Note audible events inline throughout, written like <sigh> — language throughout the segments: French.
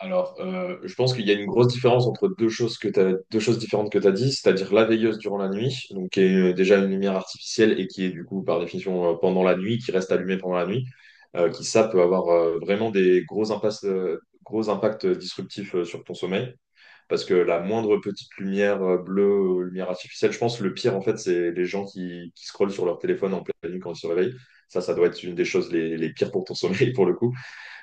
Je pense qu'il y a une grosse différence entre deux choses que t'as, deux choses différentes que tu as dit, c'est-à-dire la veilleuse durant la nuit, donc qui est déjà une lumière artificielle et qui est du coup par définition pendant la nuit, qui reste allumée pendant la nuit, qui ça peut avoir vraiment des gros impacts disruptifs sur ton sommeil, parce que la moindre petite lumière bleue, ou lumière artificielle, je pense que le pire en fait, c'est les gens qui scrollent sur leur téléphone en pleine nuit quand ils se réveillent. Ça doit être une des choses les pires pour ton <laughs> sommeil pour le coup.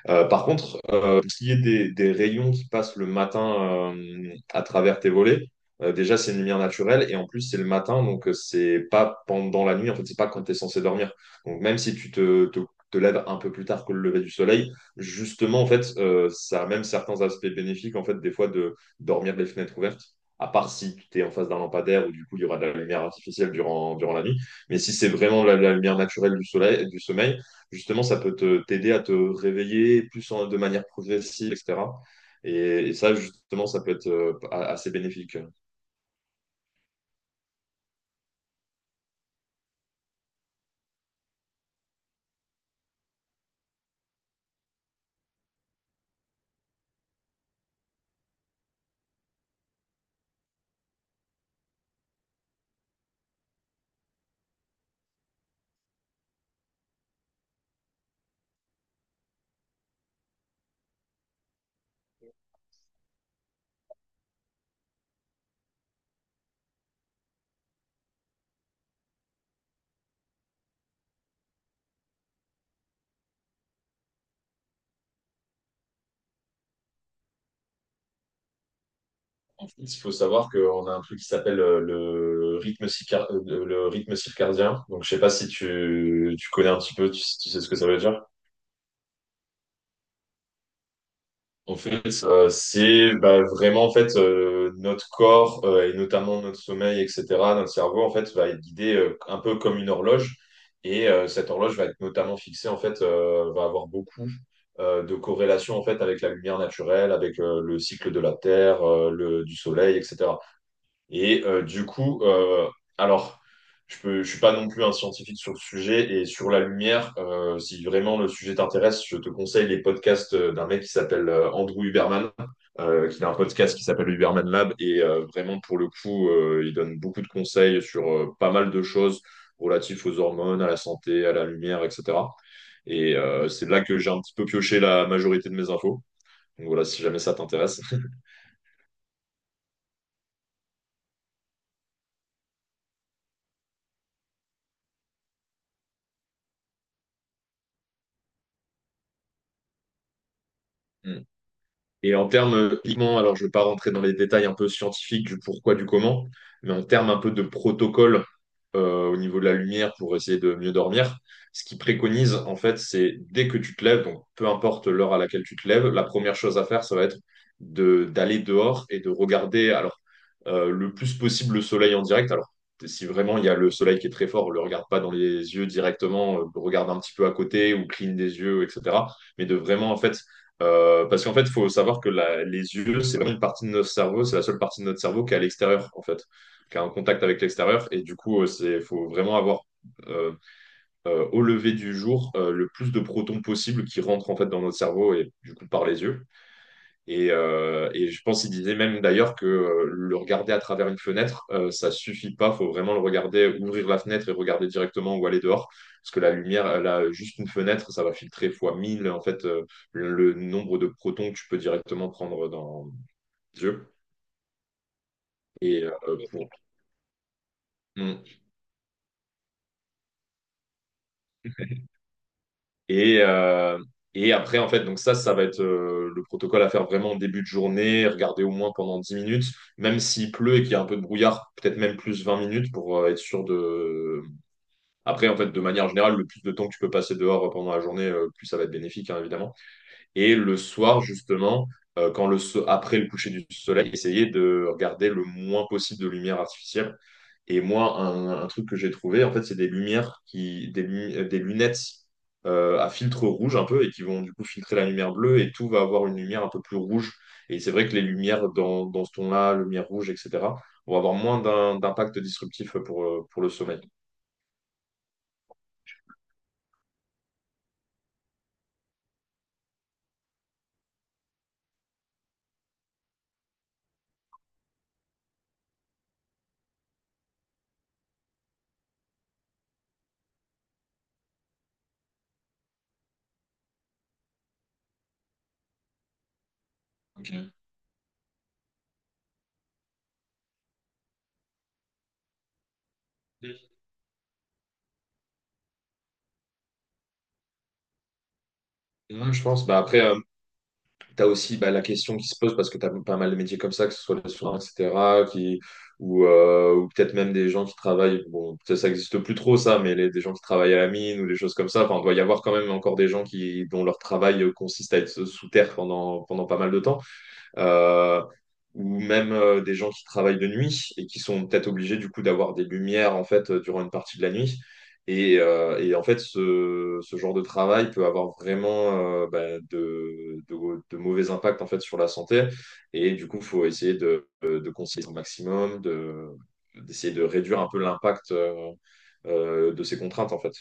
Par contre, pour ce qui est des rayons qui passent le matin à travers tes volets, déjà c'est une lumière naturelle et en plus c'est le matin, donc c'est pas pendant la nuit, en fait c'est pas quand tu es censé dormir. Donc même si te lèves un peu plus tard que le lever du soleil, justement en fait ça a même certains aspects bénéfiques en fait des fois de dormir les fenêtres ouvertes. À part si tu es en face d'un lampadaire où du coup il y aura de la lumière artificielle durant la nuit. Mais si c'est vraiment la lumière naturelle du soleil, du sommeil, justement, ça peut te t'aider à te réveiller plus de manière progressive, etc. Et, et ça, justement, ça peut être assez bénéfique. En fait, il faut savoir qu'on a un truc qui s'appelle le rythme circadien. Donc, je sais pas si tu connais un petit peu, tu sais ce que ça veut dire. C'est vraiment en fait notre corps et notamment notre sommeil, etc. Notre cerveau en fait va être guidé un peu comme une horloge et cette horloge va être notamment fixée en fait va avoir beaucoup de corrélations en fait avec la lumière naturelle, avec le cycle de la Terre, le du Soleil, etc. Et alors, je suis pas non plus un scientifique sur le sujet et sur la lumière. Si vraiment le sujet t'intéresse, je te conseille les podcasts d'un mec qui s'appelle Andrew Huberman, qui a un podcast qui s'appelle Huberman Lab. Et vraiment, pour le coup, il donne beaucoup de conseils sur pas mal de choses relatives aux hormones, à la santé, à la lumière, etc. Et c'est là que j'ai un petit peu pioché la majorité de mes infos. Donc voilà, si jamais ça t'intéresse. <laughs> Et en termes, uniquement, alors je ne vais pas rentrer dans les détails un peu scientifiques du pourquoi, du comment, mais en termes un peu de protocole au niveau de la lumière pour essayer de mieux dormir, ce qu'ils préconisent, en fait, c'est dès que tu te lèves, donc peu importe l'heure à laquelle tu te lèves, la première chose à faire, ça va être d'aller dehors et de regarder le plus possible le soleil en direct. Alors, si vraiment il y a le soleil qui est très fort, ne le regarde pas dans les yeux directement, regarde un petit peu à côté ou cligne des yeux, etc. Mais de vraiment, en fait, parce qu'en fait, il faut savoir que les yeux, c'est vraiment une partie de notre cerveau, c'est la seule partie de notre cerveau qui est à l'extérieur, en fait, qui a un contact avec l'extérieur. Et du coup, c'est, faut vraiment avoir euh, au lever du jour le plus de protons possible qui rentrent en fait dans notre cerveau et du coup par les yeux. Et je pense qu'il disait même d'ailleurs que le regarder à travers une fenêtre, ça suffit pas. Faut vraiment le regarder, ouvrir la fenêtre et regarder directement où aller dehors. Parce que la lumière, elle a juste une fenêtre, ça va filtrer fois 1000 en fait le nombre de protons que tu peux directement prendre dans les yeux. Et, euh, pour- Mm. et, euh, et après, en fait, donc ça va être le protocole à faire vraiment en début de journée, regarder au moins pendant 10 minutes, même s'il pleut et qu'il y a un peu de brouillard, peut-être même plus 20 minutes pour être sûr de. Après, en fait, de manière générale, le plus de temps que tu peux passer dehors pendant la journée, plus ça va être bénéfique, hein, évidemment. Et le soir, justement, quand après le coucher du soleil, essayer de regarder le moins possible de lumière artificielle. Et moi, un truc que j'ai trouvé, en fait, c'est des lumières des lunettes à filtre rouge un peu et qui vont du coup filtrer la lumière bleue et tout va avoir une lumière un peu plus rouge. Et c'est vrai que les lumières dans ce ton-là, lumière rouge, etc., vont avoir moins d'impact disruptif pour le sommeil. Ok. Ouais, je pense. Bah, après, tu as aussi bah, la question qui se pose parce que tu as pas mal de métiers comme ça, que ce soit les soins, etc., qui, ou peut-être même des gens qui travaillent. Bon, peut-être ça n'existe plus trop, ça, mais des gens qui travaillent à la mine ou des choses comme ça. Enfin, il doit y avoir quand même encore des gens qui, dont leur travail consiste à être sous terre pendant, pendant pas mal de temps euh, ou même des gens qui travaillent de nuit et qui sont peut-être obligés du coup d'avoir des lumières en fait durant une partie de la nuit. Et en fait, ce genre de travail peut avoir vraiment de mauvais impacts en fait sur la santé. Et du coup, il faut essayer de conseiller au maximum, d'essayer de réduire un peu l'impact de ces contraintes en fait.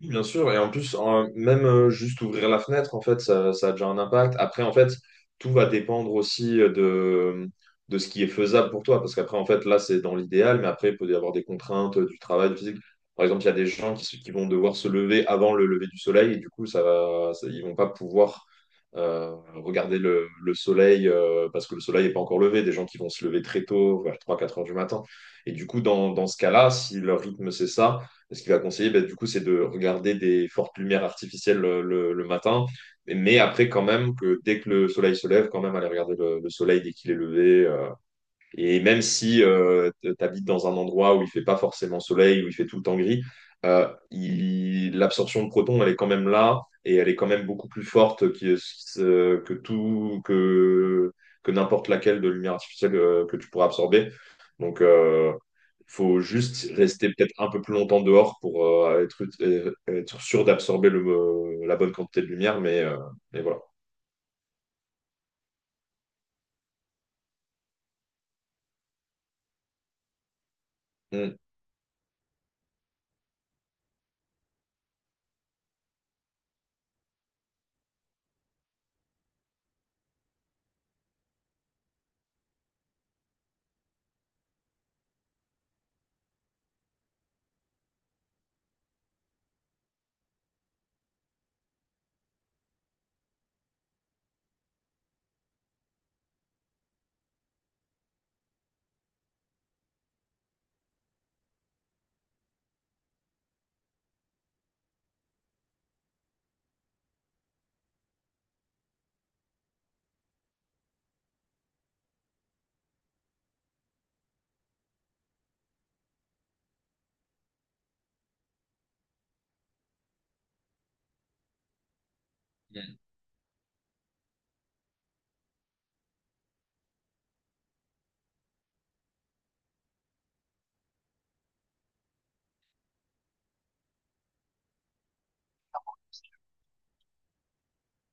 Oui, bien sûr, et en plus, même juste ouvrir la fenêtre, en fait, ça a déjà un impact. Après, en fait, tout va dépendre aussi de ce qui est faisable pour toi, parce qu'après, en fait, là, c'est dans l'idéal, mais après, il peut y avoir des contraintes du travail du physique. Par exemple, il y a des gens qui vont devoir se lever avant le lever du soleil, et du coup, ils vont pas pouvoir regarder le soleil, parce que le soleil n'est pas encore levé. Des gens qui vont se lever très tôt, vers 3, 4 heures du matin. Et du coup, dans ce cas-là, si leur rythme, c'est ça, et ce qu'il va conseiller, bah, du coup, c'est de regarder des fortes lumières artificielles le matin, mais après quand même que dès que le soleil se lève, quand même aller regarder le soleil dès qu'il est levé, et même si tu habites dans un endroit où il fait pas forcément soleil, où il fait tout le temps gris, l'absorption de protons, elle est quand même là et elle est quand même beaucoup plus forte que, que n'importe laquelle de lumière artificielle que tu pourras absorber. Donc, il faut juste rester peut-être un peu plus longtemps dehors pour être sûr d'absorber la bonne quantité de lumière, mais voilà. Mm.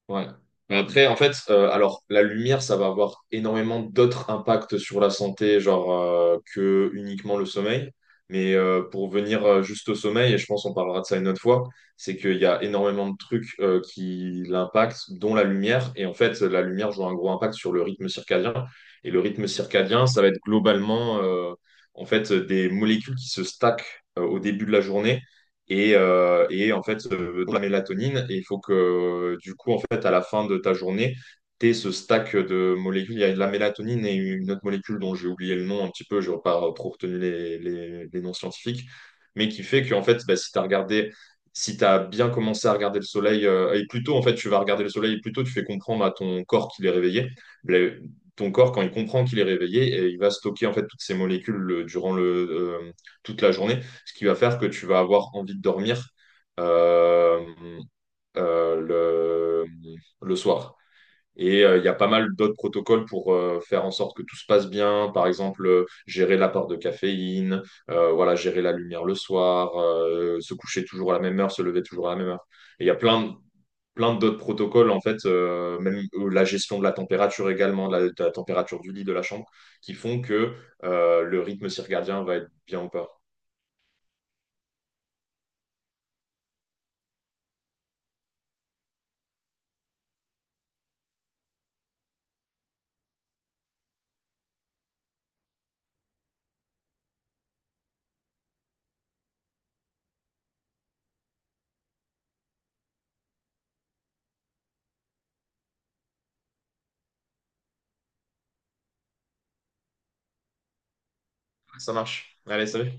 Ouais. Mais après, en fait, alors la lumière, ça va avoir énormément d'autres impacts sur la santé, genre que uniquement le sommeil. Mais pour venir juste au sommeil, et je pense on parlera de ça une autre fois, c'est qu'il y a énormément de trucs qui l'impactent, dont la lumière. Et en fait, la lumière joue un gros impact sur le rythme circadien. Et le rythme circadien, ça va être globalement en fait des molécules qui se stackent au début de la journée et en fait de la mélatonine. Et il faut que du coup, en fait, à la fin de ta journée, tu aies ce stack de molécules. Il y a de la mélatonine et une autre molécule dont j'ai oublié le nom un petit peu, je n'aurais pas trop retenu les noms scientifiques, mais qui fait que en fait, bah, si tu as regardé. Si tu as bien commencé à regarder le soleil, et plutôt en fait tu vas regarder le soleil, et plutôt tu fais comprendre à ton corps qu'il est réveillé. Le- Ton corps, quand il comprend qu'il est réveillé, et il va stocker en fait toutes ces molécules euh, toute la journée, ce qui va faire que tu vas avoir envie de dormir euh, euh, le, le soir. Et il y a pas mal d'autres protocoles pour faire en sorte que tout se passe bien. Par exemple, gérer l'apport de caféine, voilà, gérer la lumière le soir, se coucher toujours à la même heure, se lever toujours à la même heure. Et il y a plein d'autres protocoles, en fait, même la gestion de la température également, de la température du lit, de la chambre, qui font que le rythme circadien va être bien ou pas. Ça marche. Allez, salut.